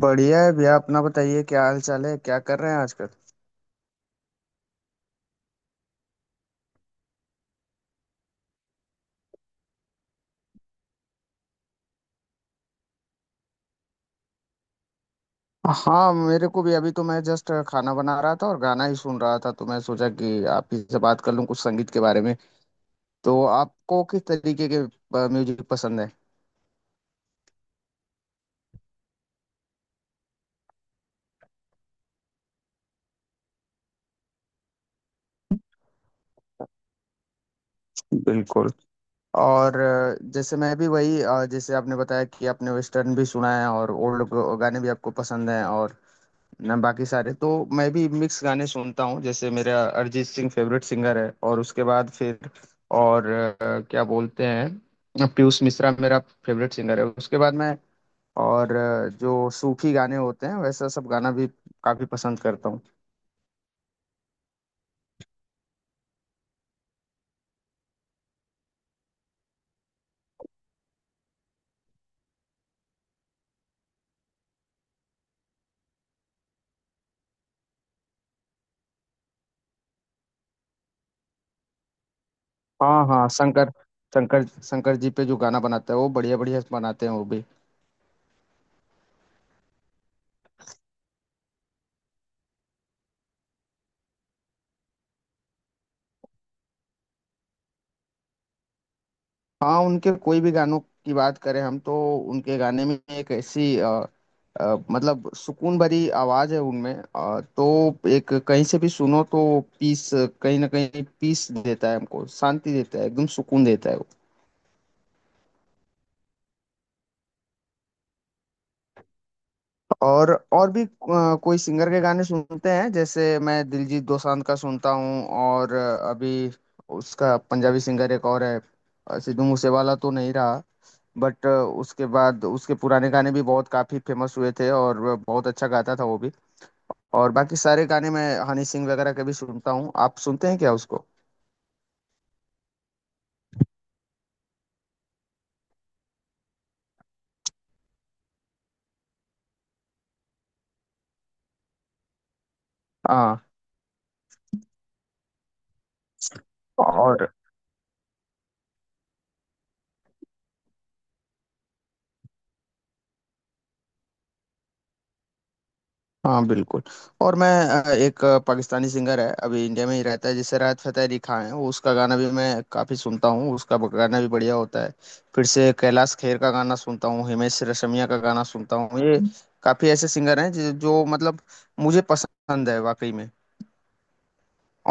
बढ़िया है भैया, अपना बताइए, क्या हाल चाल है? क्या कर रहे हैं आजकल? हाँ, मेरे को भी। अभी तो मैं जस्ट खाना बना रहा था और गाना ही सुन रहा था, तो मैं सोचा कि आप ही से बात कर लूं कुछ संगीत के बारे में। तो आपको किस तरीके के म्यूजिक पसंद है? बिल्कुल। और जैसे मैं भी वही, जैसे आपने बताया कि आपने वेस्टर्न भी सुना है और ओल्ड गाने भी आपको पसंद हैं, और ना बाकी सारे तो मैं भी मिक्स गाने सुनता हूँ। जैसे मेरा अरिजीत सिंह फेवरेट सिंगर है, और उसके बाद फिर और क्या बोलते हैं, पीयूष मिश्रा मेरा फेवरेट सिंगर है। उसके बाद मैं और जो सूफी गाने होते हैं वैसा सब गाना भी काफी पसंद करता हूँ। हाँ हाँ, शंकर शंकर शंकर जी पे जो गाना बनाता है वो, बढ़िया बढ़िया बनाते हैं वो भी। हाँ, उनके कोई भी गानों की बात करें हम तो, उनके गाने में एक ऐसी मतलब सुकून भरी आवाज है उनमें, तो एक कहीं से भी सुनो तो पीस, कहीं ना कहीं पीस देता है, हमको शांति देता है, एकदम सुकून देता है वो। और भी कोई सिंगर के गाने सुनते हैं, जैसे मैं दिलजीत दोसांझ का सुनता हूँ। और अभी उसका पंजाबी सिंगर एक और है, सिद्धू मूसेवाला तो नहीं रहा, बट उसके बाद उसके पुराने गाने भी बहुत काफी फेमस हुए थे, और वह बहुत अच्छा गाता था वो भी। और बाकी सारे गाने मैं हनी सिंह वगैरह के भी सुनता हूँ। आप सुनते हैं क्या उसको? हाँ। और हाँ बिल्कुल। और मैं एक पाकिस्तानी सिंगर है, अभी इंडिया में ही रहता है, जिसे राहत फतेह अली खान है, वो उसका गाना भी मैं काफी सुनता हूँ। उसका गाना भी बढ़िया होता है। फिर से कैलाश खेर का गाना सुनता हूँ, हिमेश रेशमिया का गाना सुनता हूँ। ये काफी ऐसे सिंगर हैं जो जो मतलब मुझे पसंद है वाकई में।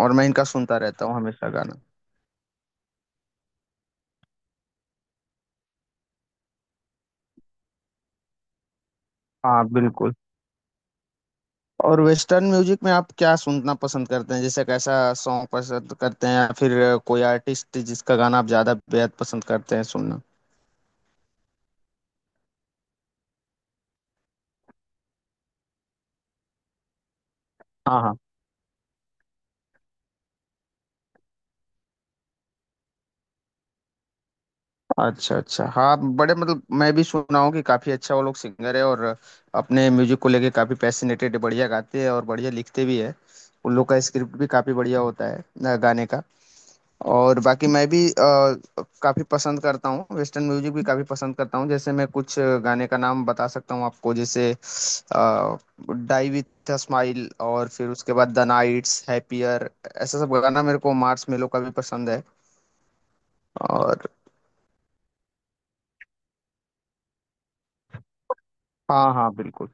और मैं इनका सुनता रहता हूँ हमेशा गाना। हाँ बिल्कुल। और वेस्टर्न म्यूजिक में आप क्या सुनना पसंद करते हैं? जैसे कैसा सॉन्ग पसंद करते हैं, या फिर कोई आर्टिस्ट जिसका गाना आप ज्यादा बेहद पसंद करते हैं सुनना? हाँ हाँ। अच्छा अच्छा, हाँ, बड़े, मतलब मैं भी सुना हूँ कि काफी अच्छा वो लोग सिंगर है, और अपने म्यूजिक को लेके काफी पैसिनेटेड, बढ़िया गाते हैं और बढ़िया लिखते भी है। उन लोग का स्क्रिप्ट भी काफी बढ़िया होता है, गाने का। और बाकी मैं भी काफी पसंद करता हूँ, वेस्टर्न म्यूजिक भी काफी पसंद करता हूँ। जैसे मैं कुछ गाने का नाम बता सकता हूँ आपको, जैसे डाई विथ अ स्माइल, और फिर उसके बाद द नाइट्स हैप्पियर, ऐसा सब गाना मेरे को, मार्स मेलो का भी पसंद है। और हाँ हाँ बिल्कुल।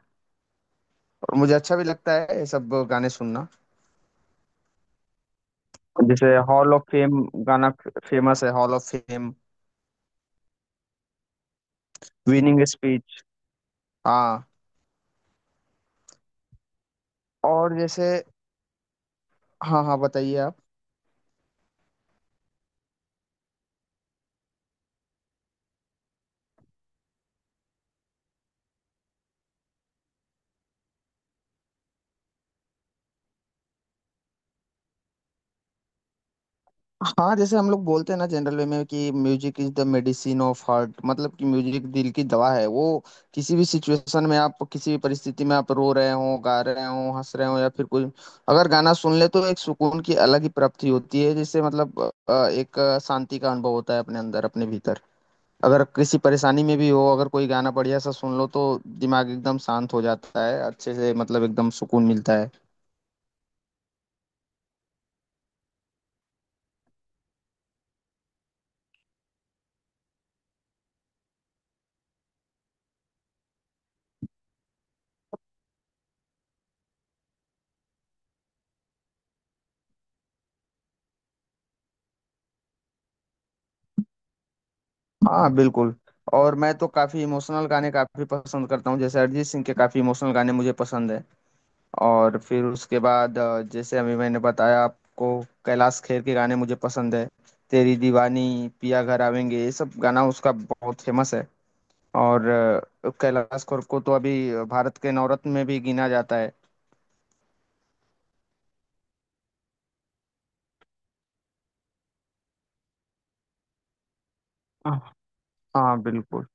और मुझे अच्छा भी लगता है ये सब गाने सुनना। जैसे हॉल ऑफ फेम, गाना फेमस है hall of fame, winning speech. हाँ, और जैसे। हाँ हाँ, बताइए आप। हाँ, जैसे हम लोग बोलते हैं ना जनरल वे में कि music is the medicine of heart, मतलब कि म्यूजिक दिल की दवा है वो। किसी भी सिचुएशन में, आप किसी भी परिस्थिति में आप रो रहे हो, गा रहे हो, हंस रहे हो, या फिर कुछ, अगर गाना सुन ले तो एक सुकून की अलग ही प्राप्ति होती है, जिससे मतलब एक शांति का अनुभव होता है अपने अंदर, अपने भीतर। अगर किसी परेशानी में भी हो, अगर कोई गाना बढ़िया सा सुन लो, तो दिमाग एकदम शांत हो जाता है अच्छे से, मतलब एकदम सुकून मिलता है। हाँ बिल्कुल। और मैं तो काफी इमोशनल गाने काफी पसंद करता हूँ, जैसे अरिजीत सिंह के काफी इमोशनल गाने मुझे पसंद है। और फिर उसके बाद जैसे अभी मैंने बताया आपको, कैलाश खेर के गाने मुझे पसंद है, तेरी दीवानी, पिया घर आवेंगे, ये सब गाना उसका बहुत फेमस है। और कैलाश खेर को तो अभी भारत के नवरत्न में भी गिना जाता है। हाँ हाँ बिल्कुल।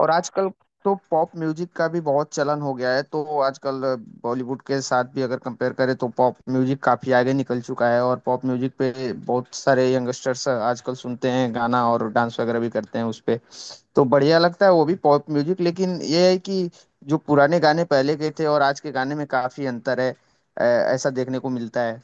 और आजकल तो पॉप म्यूजिक का भी बहुत चलन हो गया है। तो आजकल बॉलीवुड के साथ भी अगर कंपेयर करें तो पॉप म्यूजिक काफी आगे निकल चुका है, और पॉप म्यूजिक पे बहुत सारे यंगस्टर्स आजकल सुनते हैं गाना और डांस वगैरह भी करते हैं उस पे। तो बढ़िया लगता है वो भी पॉप म्यूजिक, लेकिन ये है कि जो पुराने गाने पहले के थे और आज के गाने में काफी अंतर है, अ, ऐसा देखने को मिलता है।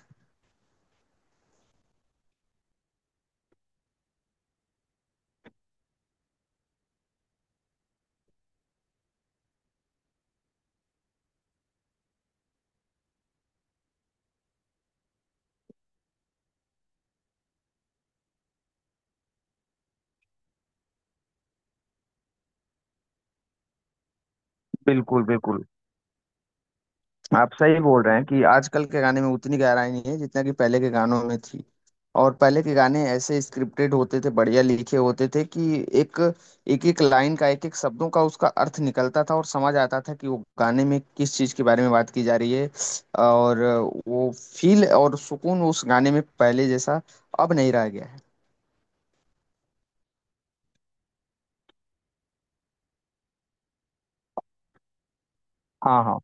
बिल्कुल बिल्कुल। आप सही बोल रहे हैं कि आजकल के गाने में उतनी गहराई नहीं है जितना कि पहले के गानों में थी। और पहले के गाने ऐसे स्क्रिप्टेड होते थे, बढ़िया लिखे होते थे कि एक एक एक लाइन का, एक एक शब्दों का उसका अर्थ निकलता था और समझ आता था कि वो गाने में किस चीज़ के बारे में बात की जा रही है। और वो फील और सुकून उस गाने में पहले जैसा अब नहीं रह गया है। हाँ हाँ।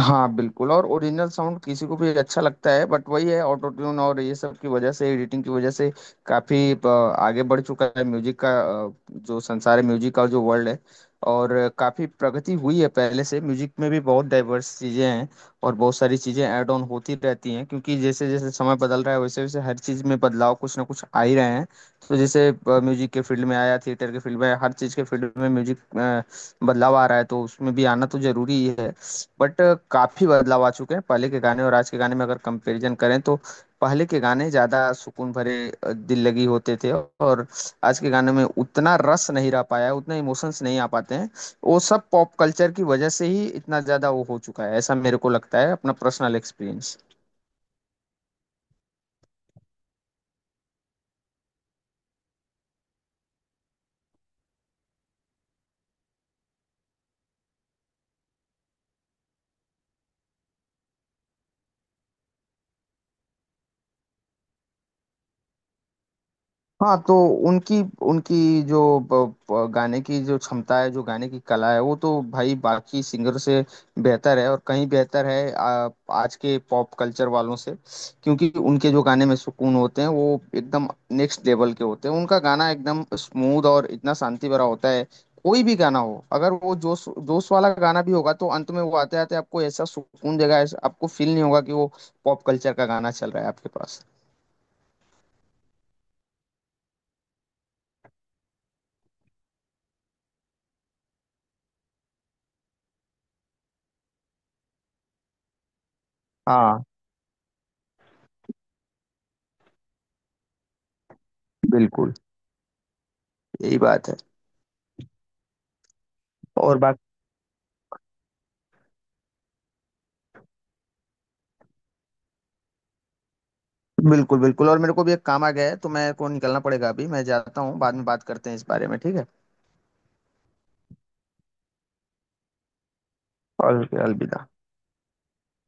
हाँ बिल्कुल। और ओरिजिनल साउंड किसी को भी अच्छा लगता है, बट वही है, ऑटो ट्यून और ये सब की वजह से, एडिटिंग की वजह से काफी आगे बढ़ चुका है म्यूजिक का, जो संसार है म्यूजिक का, जो वर्ल्ड है। और काफी प्रगति हुई है पहले से। म्यूजिक में भी बहुत डाइवर्स चीजें हैं, और बहुत सारी चीजें ऐड ऑन होती रहती हैं, क्योंकि जैसे जैसे समय बदल रहा है वैसे वैसे हर चीज में बदलाव कुछ ना कुछ आ ही रहे हैं। तो जैसे म्यूजिक के फील्ड में आया, थिएटर के फील्ड में आया, हर चीज के फील्ड में म्यूजिक बदलाव आ रहा है, तो उसमें भी आना तो जरूरी ही है। बट काफी बदलाव आ चुके हैं पहले के गाने और आज के गाने में, अगर कंपैरिजन करें तो। पहले के गाने ज्यादा सुकून भरे, दिल लगी होते थे, और आज के गाने में उतना रस नहीं रह पाया है, उतना इमोशंस नहीं आ पाते हैं। वो सब पॉप कल्चर की वजह से ही इतना ज्यादा वो हो चुका है, ऐसा मेरे को लगता है, अपना पर्सनल एक्सपीरियंस। हाँ तो उनकी उनकी जो गाने की जो क्षमता है, जो गाने की कला है, वो तो भाई बाकी सिंगर से बेहतर है, और कहीं बेहतर है आज के पॉप कल्चर वालों से। क्योंकि उनके जो गाने में सुकून होते हैं वो एकदम नेक्स्ट लेवल के होते हैं। उनका गाना एकदम स्मूथ और इतना शांति भरा होता है, कोई भी गाना हो। अगर वो जोश जोश वाला गाना भी होगा तो अंत में वो आते आते आपको ऐसा सुकून देगा, ऐसा आपको फील नहीं होगा कि वो पॉप कल्चर का गाना चल रहा है आपके पास। हाँ बिल्कुल, यही बात है। और बाकी बिल्कुल बिल्कुल। और मेरे को भी एक काम आ गया है, तो मैं को निकलना पड़ेगा अभी। मैं जाता हूँ, बाद में बात करते हैं इस बारे में, ठीक है? और अलविदा।